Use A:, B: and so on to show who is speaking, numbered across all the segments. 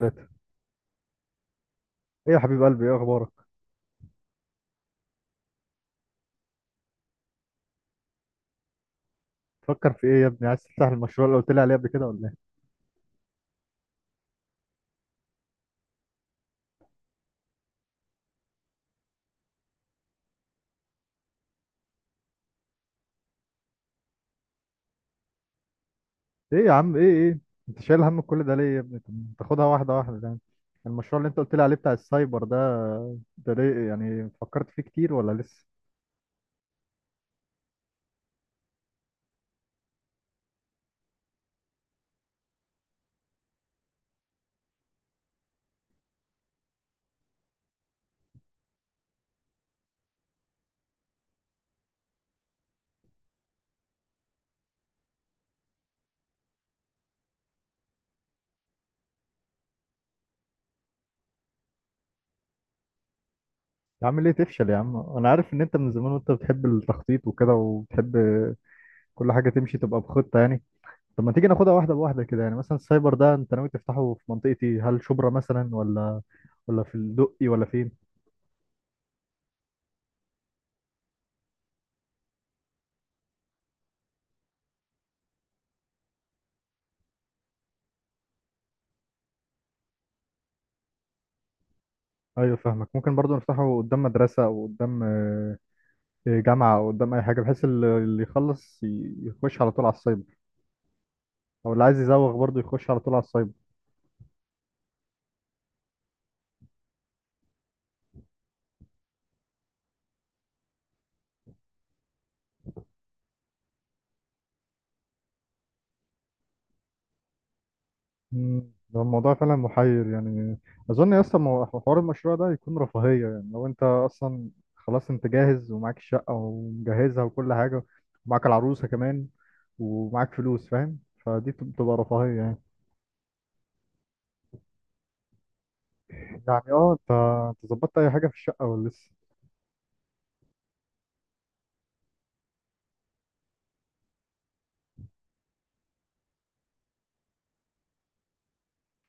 A: ثلاثة. ايه يا حبيب قلبي، ايه اخبارك؟ تفكر في ايه يا ابني؟ عايز تفتح المشروع اللي قلت لي عليه قبل كده ولا ايه؟ ايه يا عم، ايه؟ انت شايل هم كل ده ليه يا ابني؟ طب تاخدها واحدة واحدة يعني. المشروع اللي انت قلت لي عليه بتاع السايبر ده، ده ليه يعني، فكرت فيه كتير ولا لسه؟ يا عم ليه تفشل يا عم، انا عارف ان انت من زمان وانت بتحب التخطيط وكده، وبتحب كل حاجة تمشي تبقى بخطة يعني. طب ما تيجي ناخدها واحدة بواحدة كده يعني، مثلا السايبر ده انت ناوي تفتحه في منطقتي، هل شبرا مثلا ولا في الدقي ولا فين؟ ايوه فاهمك، ممكن برضو نفتحه قدام مدرسة او قدام جامعة او قدام اي حاجة، بحيث اللي يخلص يخش على طول على السايبر، او اللي عايز يزوغ برضو يخش على طول على السايبر. ده الموضوع فعلا محير يعني. اظن يا اسطى حوار المشروع ده يكون رفاهية، يعني لو انت اصلا خلاص انت جاهز ومعاك الشقة ومجهزها وكل حاجة، ومعاك العروسة كمان، ومعاك فلوس، فاهم؟ فدي بتبقى رفاهية يعني. يعني اه، انت ظبطت اي حاجة في الشقة ولا لسه؟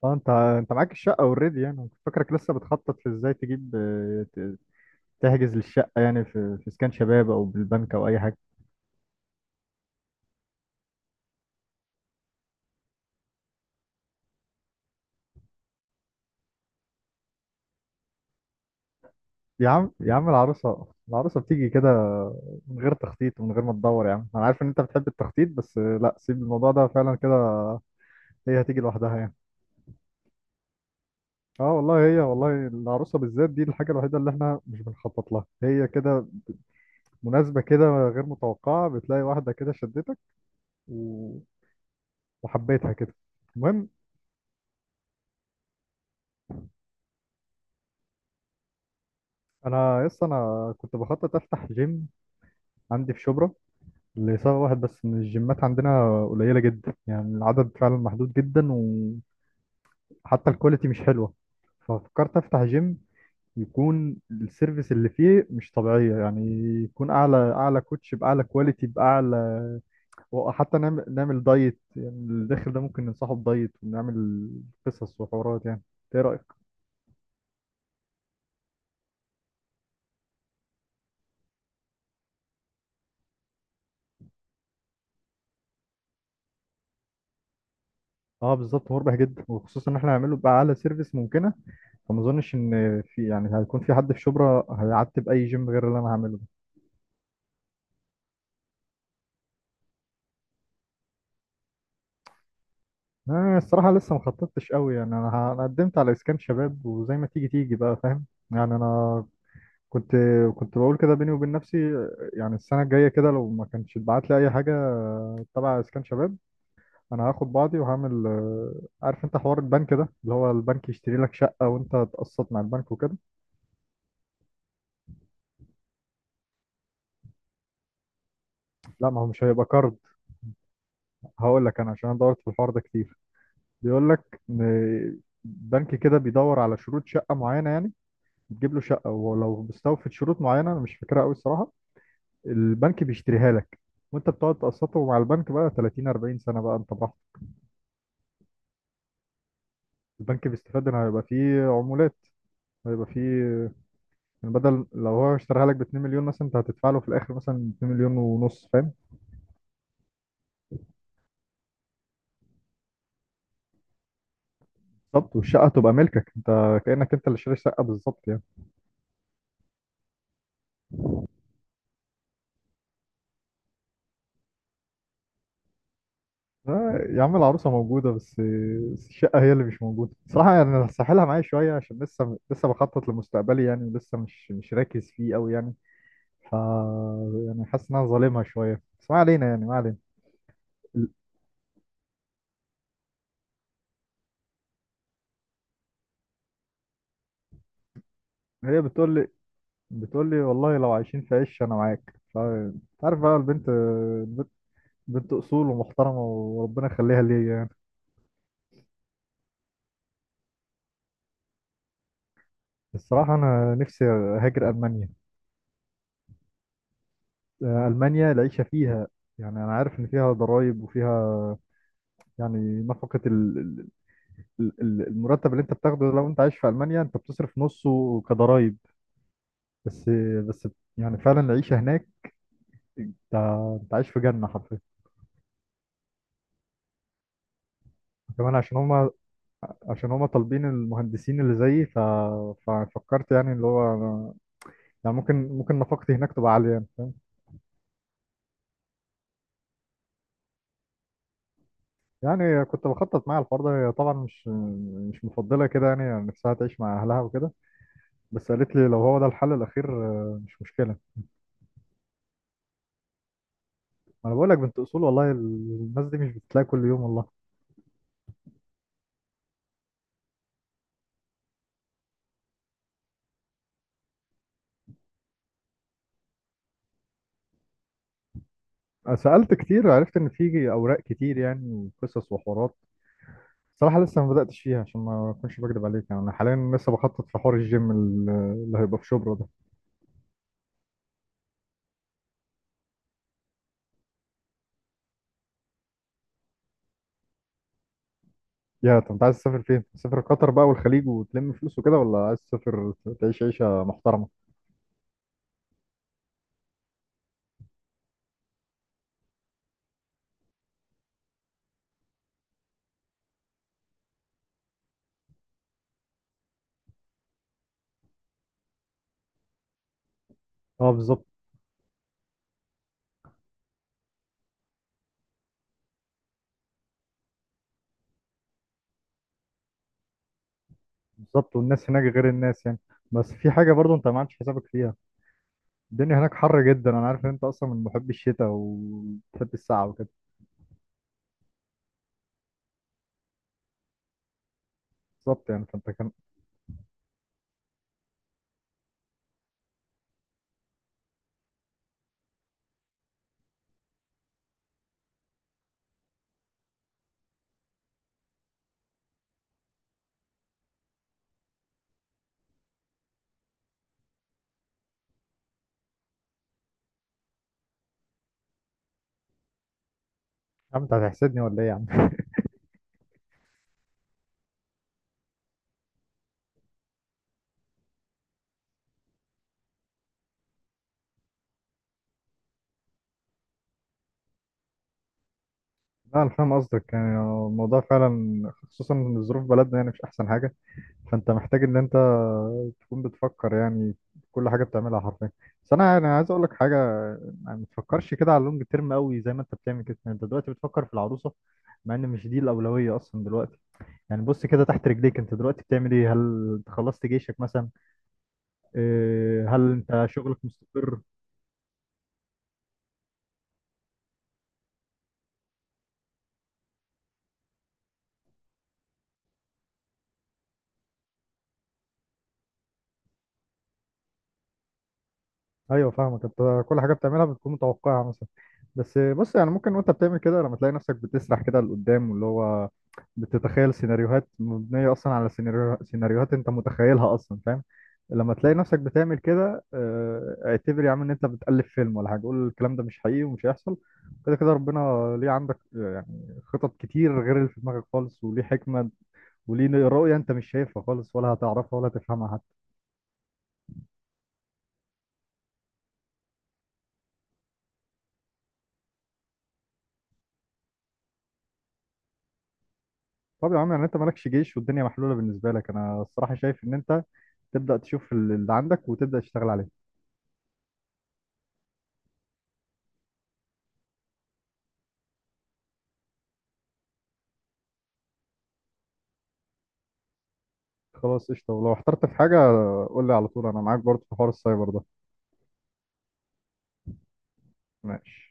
A: اه انت، انت معاك الشقة اوريدي يعني، كنت فاكرك لسه بتخطط في ازاي تجيب تحجز للشقة يعني، في اسكان شباب او بالبنك او اي حاجة. يا عم العروسة، العروسة بتيجي كده من غير تخطيط ومن غير ما تدور يا عم. انا عارف ان انت بتحب التخطيط بس لا، سيب الموضوع ده فعلا كده، هي هتيجي لوحدها يعني. اه والله، هي والله العروسة بالذات دي الحاجة الوحيدة اللي احنا مش بنخطط لها، هي كده مناسبة، كده غير متوقعة، بتلاقي واحدة كده شدتك و... وحبيتها كده. المهم، انا يس، انا كنت بخطط افتح جيم عندي في شبرا، لسبب واحد بس، ان الجيمات عندنا قليله جدا، يعني العدد فعلا محدود جدا، وحتى الكواليتي مش حلوه. ففكرت افتح جيم يكون السيرفيس اللي فيه مش طبيعيه يعني، يكون اعلى كوتش باعلى كواليتي باعلى. وحتى نعمل دايت يعني، الداخل ده ممكن ننصحه بدايت ونعمل قصص وحوارات يعني. ايه رايك؟ اه بالظبط، مربح جدا، وخصوصا ان احنا هنعمله باعلى سيرفيس ممكنه. فما اظنش ان في، يعني هيكون في حد في شبرا هيعتب اي جيم غير اللي انا هعمله ده. انا الصراحه لسه ما خططتش قوي يعني، انا أنا قدمت على اسكان شباب، وزي ما تيجي تيجي بقى، فاهم؟ يعني انا كنت كنت بقول كده بيني وبين نفسي، يعني السنه الجايه كده لو ما كانش اتبعت لي اي حاجه تبع اسكان شباب، انا هاخد بعضي وهعمل عارف انت حوار البنك ده، اللي هو البنك يشتري لك شقه وانت تقسط مع البنك وكده. لا، ما هو مش هيبقى كارد. هقول لك انا، عشان أنا دورت في الحوار ده كتير، بيقول لك ان بنك كده بيدور على شروط شقه معينه يعني، بتجيب له شقه، ولو مستوفت شروط معينه، انا مش فاكرها قوي الصراحه، البنك بيشتريها لك، وانت بتقعد تقسطه مع البنك بقى 30 40 سنه، بقى انت براحتك. البنك بيستفاد ان هيبقى فيه عمولات، هيبقى فيه، يعني بدل لو هو اشتراها لك ب 2 مليون مثلا، انت هتدفع له في الاخر مثلا 2 مليون ونص، فاهم؟ بالظبط، والشقه تبقى ملكك، انت كانك انت اللي شاري شقه بالظبط يعني. يا عم، العروسة موجودة، بس بس الشقة هي اللي مش موجودة صراحة يعني. أنا هسحلها معايا شوية، عشان لسه، لسه بخطط لمستقبلي يعني، لسه مش راكز فيه أوي يعني. ف، يعني حاسس إن أنا ظالمها شوية، بس ما علينا يعني، ما علينا. ال- هي بتقول لي، بتقول لي والله لو عايشين في عش أنا معاك، ف أنت عارف بقى، البنت، البنت بنت أصول ومحترمة، وربنا يخليها ليا يعني. الصراحة أنا نفسي أهاجر ألمانيا. ألمانيا العيشة فيها يعني، أنا عارف إن فيها ضرايب وفيها يعني نفقة. المرتب اللي انت بتاخده لو انت عايش في المانيا، انت بتصرف نصه كضرايب. بس، بس يعني فعلا العيشه هناك، انت، انت عايش في جنه حرفيا. كمان عشان هما، عشان هما طالبين المهندسين اللي زيي. ففكرت يعني اللي هو يعني ممكن نفقتي هناك تبقى عاليه يعني، فاهم؟ يعني كنت بخطط مع الحوار ده. هي طبعا مش مفضله كده يعني، يعني نفسها تعيش مع اهلها وكده، بس قالت لي لو هو ده الحل الاخير مش مشكله. انا بقول لك بنت اصول والله، الناس دي مش بتلاقي كل يوم والله. سألت كتير، وعرفت إن في أوراق كتير يعني، وقصص وحوارات. صراحة لسه ما بدأتش فيها، عشان ما أكونش بكدب عليك يعني، أنا حاليا لسه بخطط في حوار الجيم اللي هيبقى في شبرا ده. يا طب أنت عايز تسافر فين؟ تسافر قطر بقى والخليج وتلم فلوس وكده، ولا عايز تسافر تعيش عيشة محترمة؟ أه بالظبط. بالظبط، والناس هناك غير الناس يعني، بس في حاجة برضو أنت ما عملتش حسابك فيها. الدنيا هناك حر جدا، أنا عارف إن أنت أصلا من محبي الشتاء وبتحب السقعة وكده. بالظبط، يعني فأنت كان. يا عم أنت هتحسدني ولا إيه يا عم؟ لا انا فاهم قصدك يعني، الموضوع فعلا خصوصا ان ظروف بلدنا يعني مش احسن حاجه، فانت محتاج ان انت تكون بتفكر يعني في كل حاجه بتعملها حرفيا. بس انا يعني عايز اقول لك حاجه، يعني ما تفكرش كده على اللونج تيرم قوي زي ما انت بتعمل كده، يعني انت دلوقتي بتفكر في العروسه، مع ان مش دي الاولويه اصلا دلوقتي. يعني بص كده تحت رجليك، انت دلوقتي بتعمل ايه؟ هل انت خلصت جيشك مثلا؟ إيه، هل انت شغلك مستقر؟ ايوه فاهمك، انت كل حاجه بتعملها بتكون متوقعها مثلا. بس بص، يعني ممكن وانت بتعمل كده لما تلاقي نفسك بتسرح كده لقدام، واللي هو بتتخيل سيناريوهات مبنيه اصلا على سيناريوهات انت متخيلها اصلا، فاهم؟ لما تلاقي نفسك بتعمل كده، اعتبر يا عم ان انت بتألف فيلم ولا حاجه، قول الكلام ده مش حقيقي ومش هيحصل. كده كده ربنا ليه عندك يعني خطط كتير غير اللي في دماغك خالص، وليه حكمه وليه رؤيه انت مش شايفها خالص ولا هتعرفها ولا تفهمها. طب يا عم، يعني انت مالكش جيش والدنيا محلوله بالنسبه لك، انا الصراحه شايف ان انت تبدا تشوف اللي عندك وتبدا تشتغل عليه. خلاص قشطه، ولو احترت في حاجه قول لي على طول، انا معاك برضه في حوار السايبر ده. ماشي.